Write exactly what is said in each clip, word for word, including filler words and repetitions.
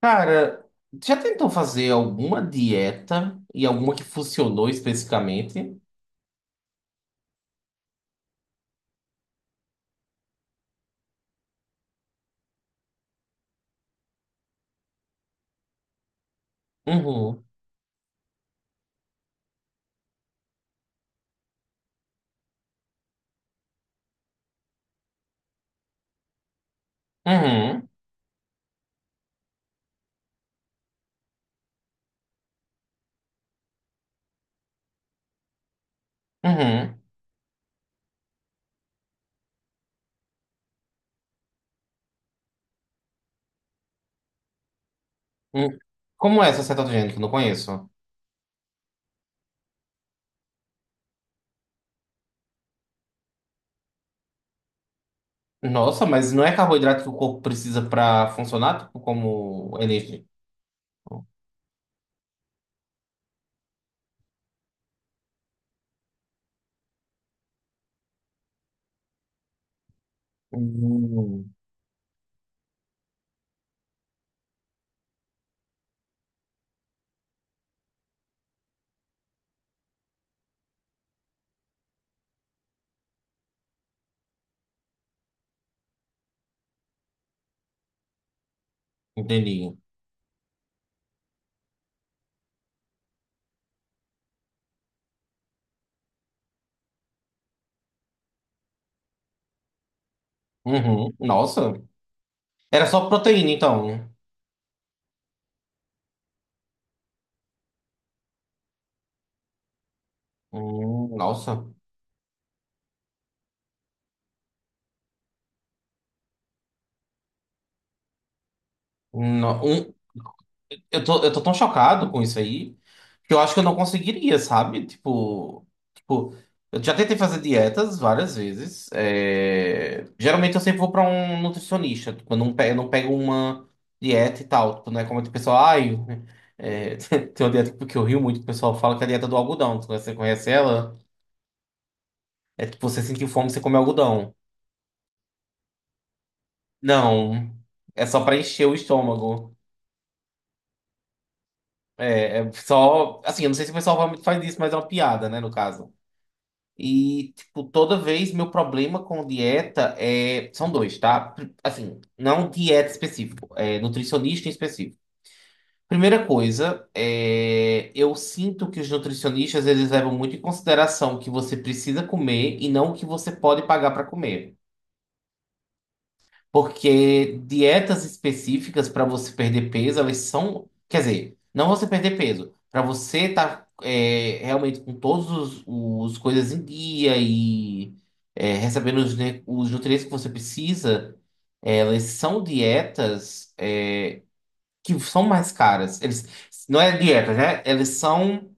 Cara, já tentou fazer alguma dieta e alguma que funcionou especificamente? Uhum, uhum, uhum. Uhum. Como é essa cetogênica? que eu não conheço. Nossa, mas não é carboidrato que o corpo precisa pra funcionar, tipo, como energia? Hum, entendi. Uhum. Nossa. Era só proteína, então. Hum, nossa. No- um- Eu tô, eu tô tão chocado com isso aí que eu acho que eu não conseguiria, sabe? Tipo, tipo, eu já tentei fazer dietas várias vezes. é, Geralmente eu sempre vou pra um nutricionista. Tipo, eu não pego, eu não pego uma dieta e tal. Tipo, não é como o pessoal, ai, é, tem uma dieta que eu rio muito, que o pessoal fala que é a dieta do algodão. Tu- Você conhece ela? É tipo, você sentir fome, você come algodão. Não, é só pra encher o estômago. É, é só, assim, eu não sei se o pessoal realmente faz isso, mas é uma piada, né, no caso. E, tipo, toda vez meu problema com dieta é... São dois, tá? Pr- Assim, não dieta específico, é nutricionista em específico. Primeira coisa, é... eu sinto que os nutricionistas, eles levam muito em consideração o que você precisa comer e não o que você pode pagar para comer. Porque dietas específicas para você perder peso, elas são. Quer dizer, não você perder peso, para você estar realmente com todos os, os coisas em dia e é, recebendo os, ne- os nutrientes que você precisa, elas são dietas é, que são mais caras. Eles, não é dieta, né? Eles são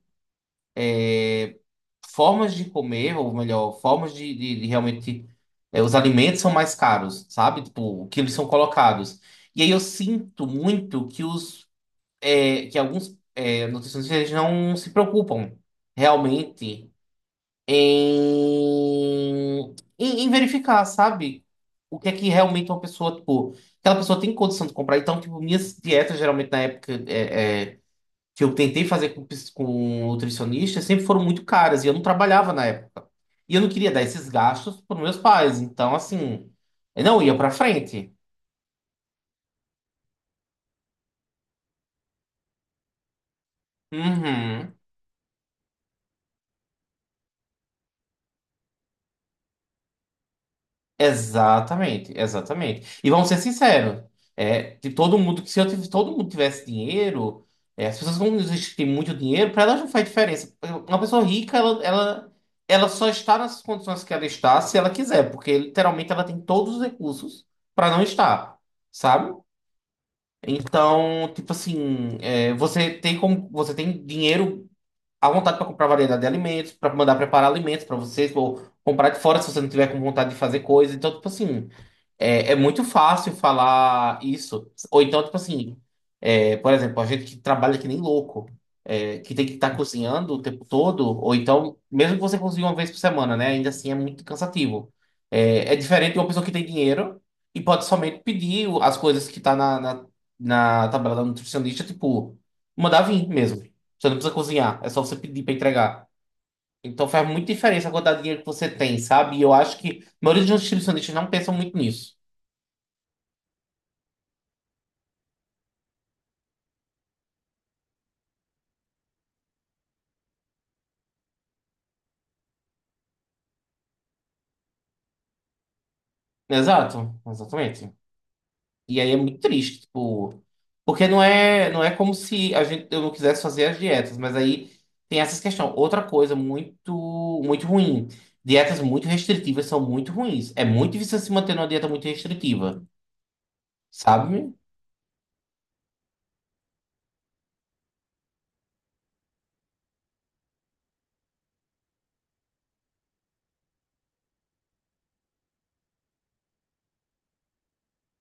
formas de comer, ou melhor, formas de, de, de realmente. É, os alimentos são mais caros, sabe? Tipo, o que eles são colocados. E aí eu sinto muito que os é, que alguns é, nutricionistas eles não se preocupam realmente em, em, em verificar, sabe? O que é que realmente uma pessoa, tipo, aquela pessoa tem condição de comprar. Então, tipo, minhas dietas geralmente na época é, é, que eu tentei fazer com, ps- com nutricionista sempre foram muito caras e eu não trabalhava na época. E eu não queria dar esses gastos para meus pais. Então, assim, eu não ia para frente. Uhum. Exatamente, exatamente. E vamos ser sinceros, é, de todo mundo, que se eu tivesse, todo mundo tivesse dinheiro, é, as pessoas que não têm muito dinheiro, para elas não faz diferença. Uma pessoa rica, ela, ela, ela só está nas condições que ela está se ela quiser, porque literalmente ela tem todos os recursos para não estar, sabe? Então, tipo assim, é, você tem como, você tem dinheiro à vontade para comprar variedade de alimentos, para mandar preparar alimentos para vocês, ou comprar de fora se você não tiver com vontade de fazer coisa. Então, tipo assim, é, é muito fácil falar isso. Ou então, tipo assim, é, por exemplo, a gente que trabalha que nem louco, é, que tem que estar cozinhando o tempo todo, ou então, mesmo que você cozinhe uma vez por semana, né? Ainda assim é muito cansativo. É, é diferente de uma pessoa que tem dinheiro e pode somente pedir o- as coisas que tá na, na, na tabela da nutricionista, tipo, mandar vir mesmo. Você não precisa cozinhar, é só você pedir para entregar. Então faz muita diferença a quantidade de dinheiro que você tem, sabe? E eu acho que a maioria dos nutricionistas não pensam muito nisso. Exato, exatamente. E aí é muito triste, tipo, porque não é, não é como se a gente, eu não quisesse fazer as dietas, mas aí tem essas questões. Outra coisa muito, muito ruim. Dietas muito restritivas são muito ruins. É muito difícil se manter numa dieta muito restritiva, sabe?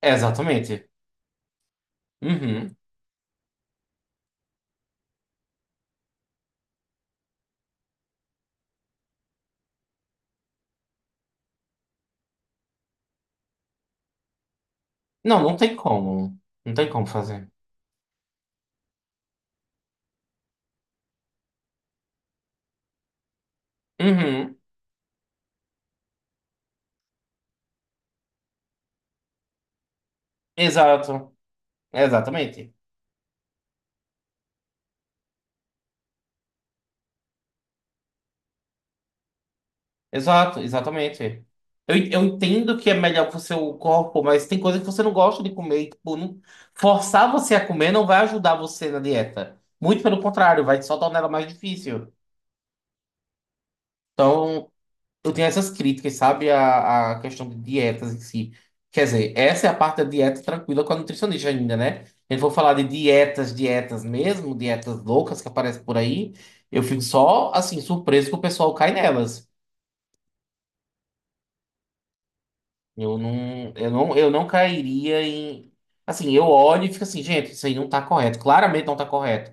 Exatamente. Uhum. Não, não tem como. Não tem como fazer. Uhum. Exato. Exatamente. Exato, exatamente. Eu, eu entendo que é melhor pro seu corpo, mas tem coisa que você não gosta de comer. e, Tipo, não- forçar você a comer não vai ajudar você na dieta. Muito pelo contrário, vai só tornar ela mais difícil. Então, eu tenho essas críticas, sabe? A, a questão de dietas em si. Quer dizer, essa é a parte da dieta tranquila com a nutricionista ainda, né? Eu vou falar de dietas, dietas mesmo, dietas loucas que aparecem por aí. Eu fico só, assim, surpreso que o pessoal cai nelas. Eu não, eu não, eu não cairia em. Assim, eu olho e fico assim, gente, isso aí não tá correto. Claramente não tá correto.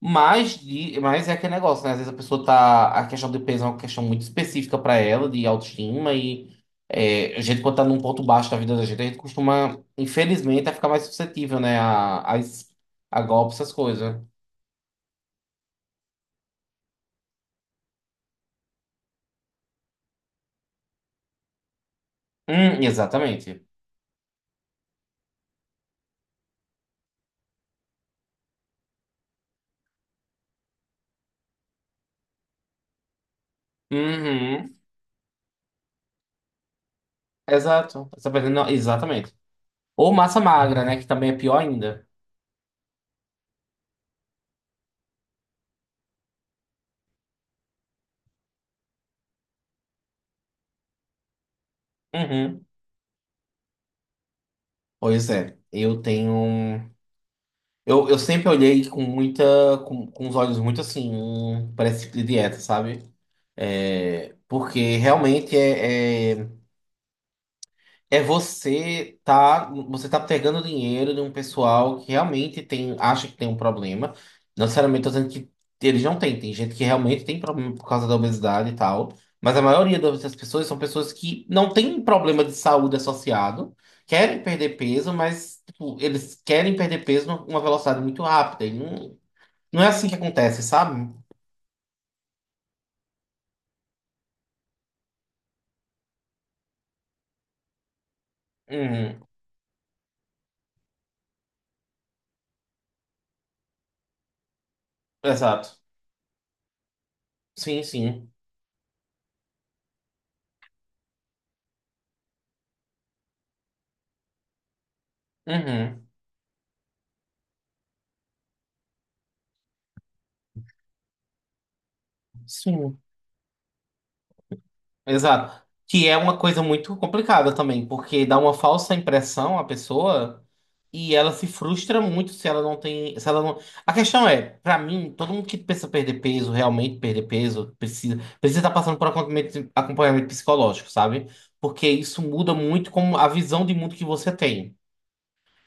Mas, de, mas é aquele negócio, né? Às vezes a pessoa tá. A questão do peso é uma questão muito específica pra ela, de autoestima. E é, a gente, quando tá num ponto baixo da vida da gente, a gente costuma, infelizmente, a ficar mais suscetível, né? A, a, es- a golpes, essas coisas. Hum, exatamente. Uhum. Exato. Essa pessoa não- Exatamente. Ou massa magra, né? Que também é pior ainda. Uhum. Pois é, eu tenho. um- Eu, eu sempre olhei com muita. Com, com os olhos muito assim, hum, pra esse tipo de dieta, sabe? É, porque realmente é, é é você tá, você tá pegando dinheiro de um pessoal que realmente tem, acha que tem um problema. Não necessariamente tô dizendo que eles não têm, tem gente que realmente tem problema por causa da obesidade e tal, mas a maioria das pessoas são pessoas que não têm problema de saúde associado, querem perder peso, mas tipo, eles querem perder peso numa velocidade muito rápida. E não, não é assim que acontece, sabe? Uhum, exato. Sim, sim. Uhum. Sim. Exato. Que é uma coisa muito complicada também, porque dá uma falsa impressão à pessoa e ela se frustra muito se ela não tem, se ela não... A questão é, pra mim, todo mundo que pensa perder peso, realmente perder peso, precisa precisa estar passando por acompanhamento, acompanhamento psicológico, sabe? Porque isso muda muito como a visão de mundo que você tem.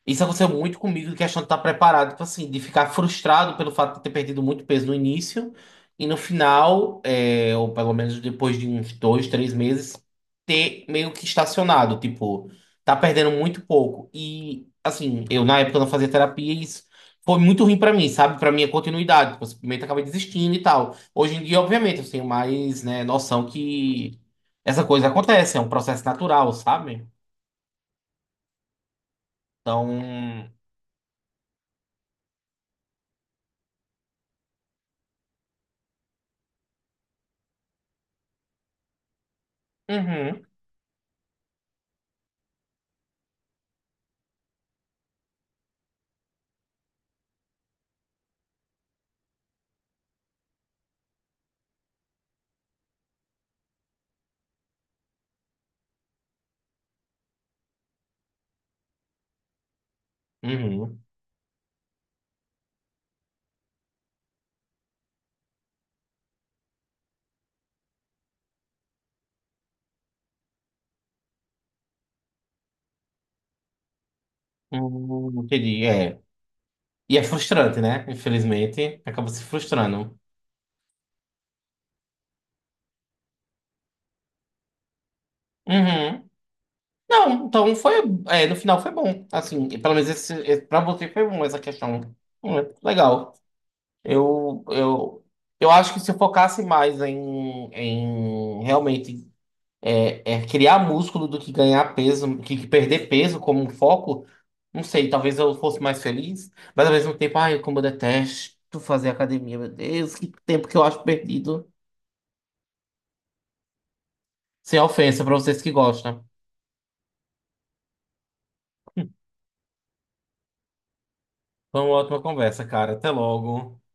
Isso aconteceu muito comigo, de questão de estar preparado, tipo assim, de ficar frustrado pelo fato de ter perdido muito peso no início e no final, é, ou pelo menos depois de uns dois, três meses, ter meio que estacionado, tipo, tá perdendo muito pouco. E, assim, eu na época não fazia terapia e isso foi muito ruim pra mim, sabe? Pra minha continuidade, tipo, eu simplesmente acabei desistindo e tal. Hoje em dia, obviamente, eu tenho mais, né, noção que essa coisa acontece, é um processo natural, sabe? Então, uhum, uhum. Hum, entendi, é. E é frustrante, né? Infelizmente, acaba se frustrando. Uhum. Não, então foi. É, no final foi bom. Assim, pelo menos esse, esse- pra você foi bom essa questão. Hum, é legal. Eu, eu, eu acho que se eu focasse mais em, em realmente é, é, criar músculo do que ganhar peso, que, que perder peso como um foco, não sei, talvez eu fosse mais feliz, mas ao mesmo tempo, ai, como eu detesto fazer academia, meu Deus, que tempo que eu acho perdido. Sem ofensa para vocês que gostam. Foi uma ótima conversa, cara. Até logo.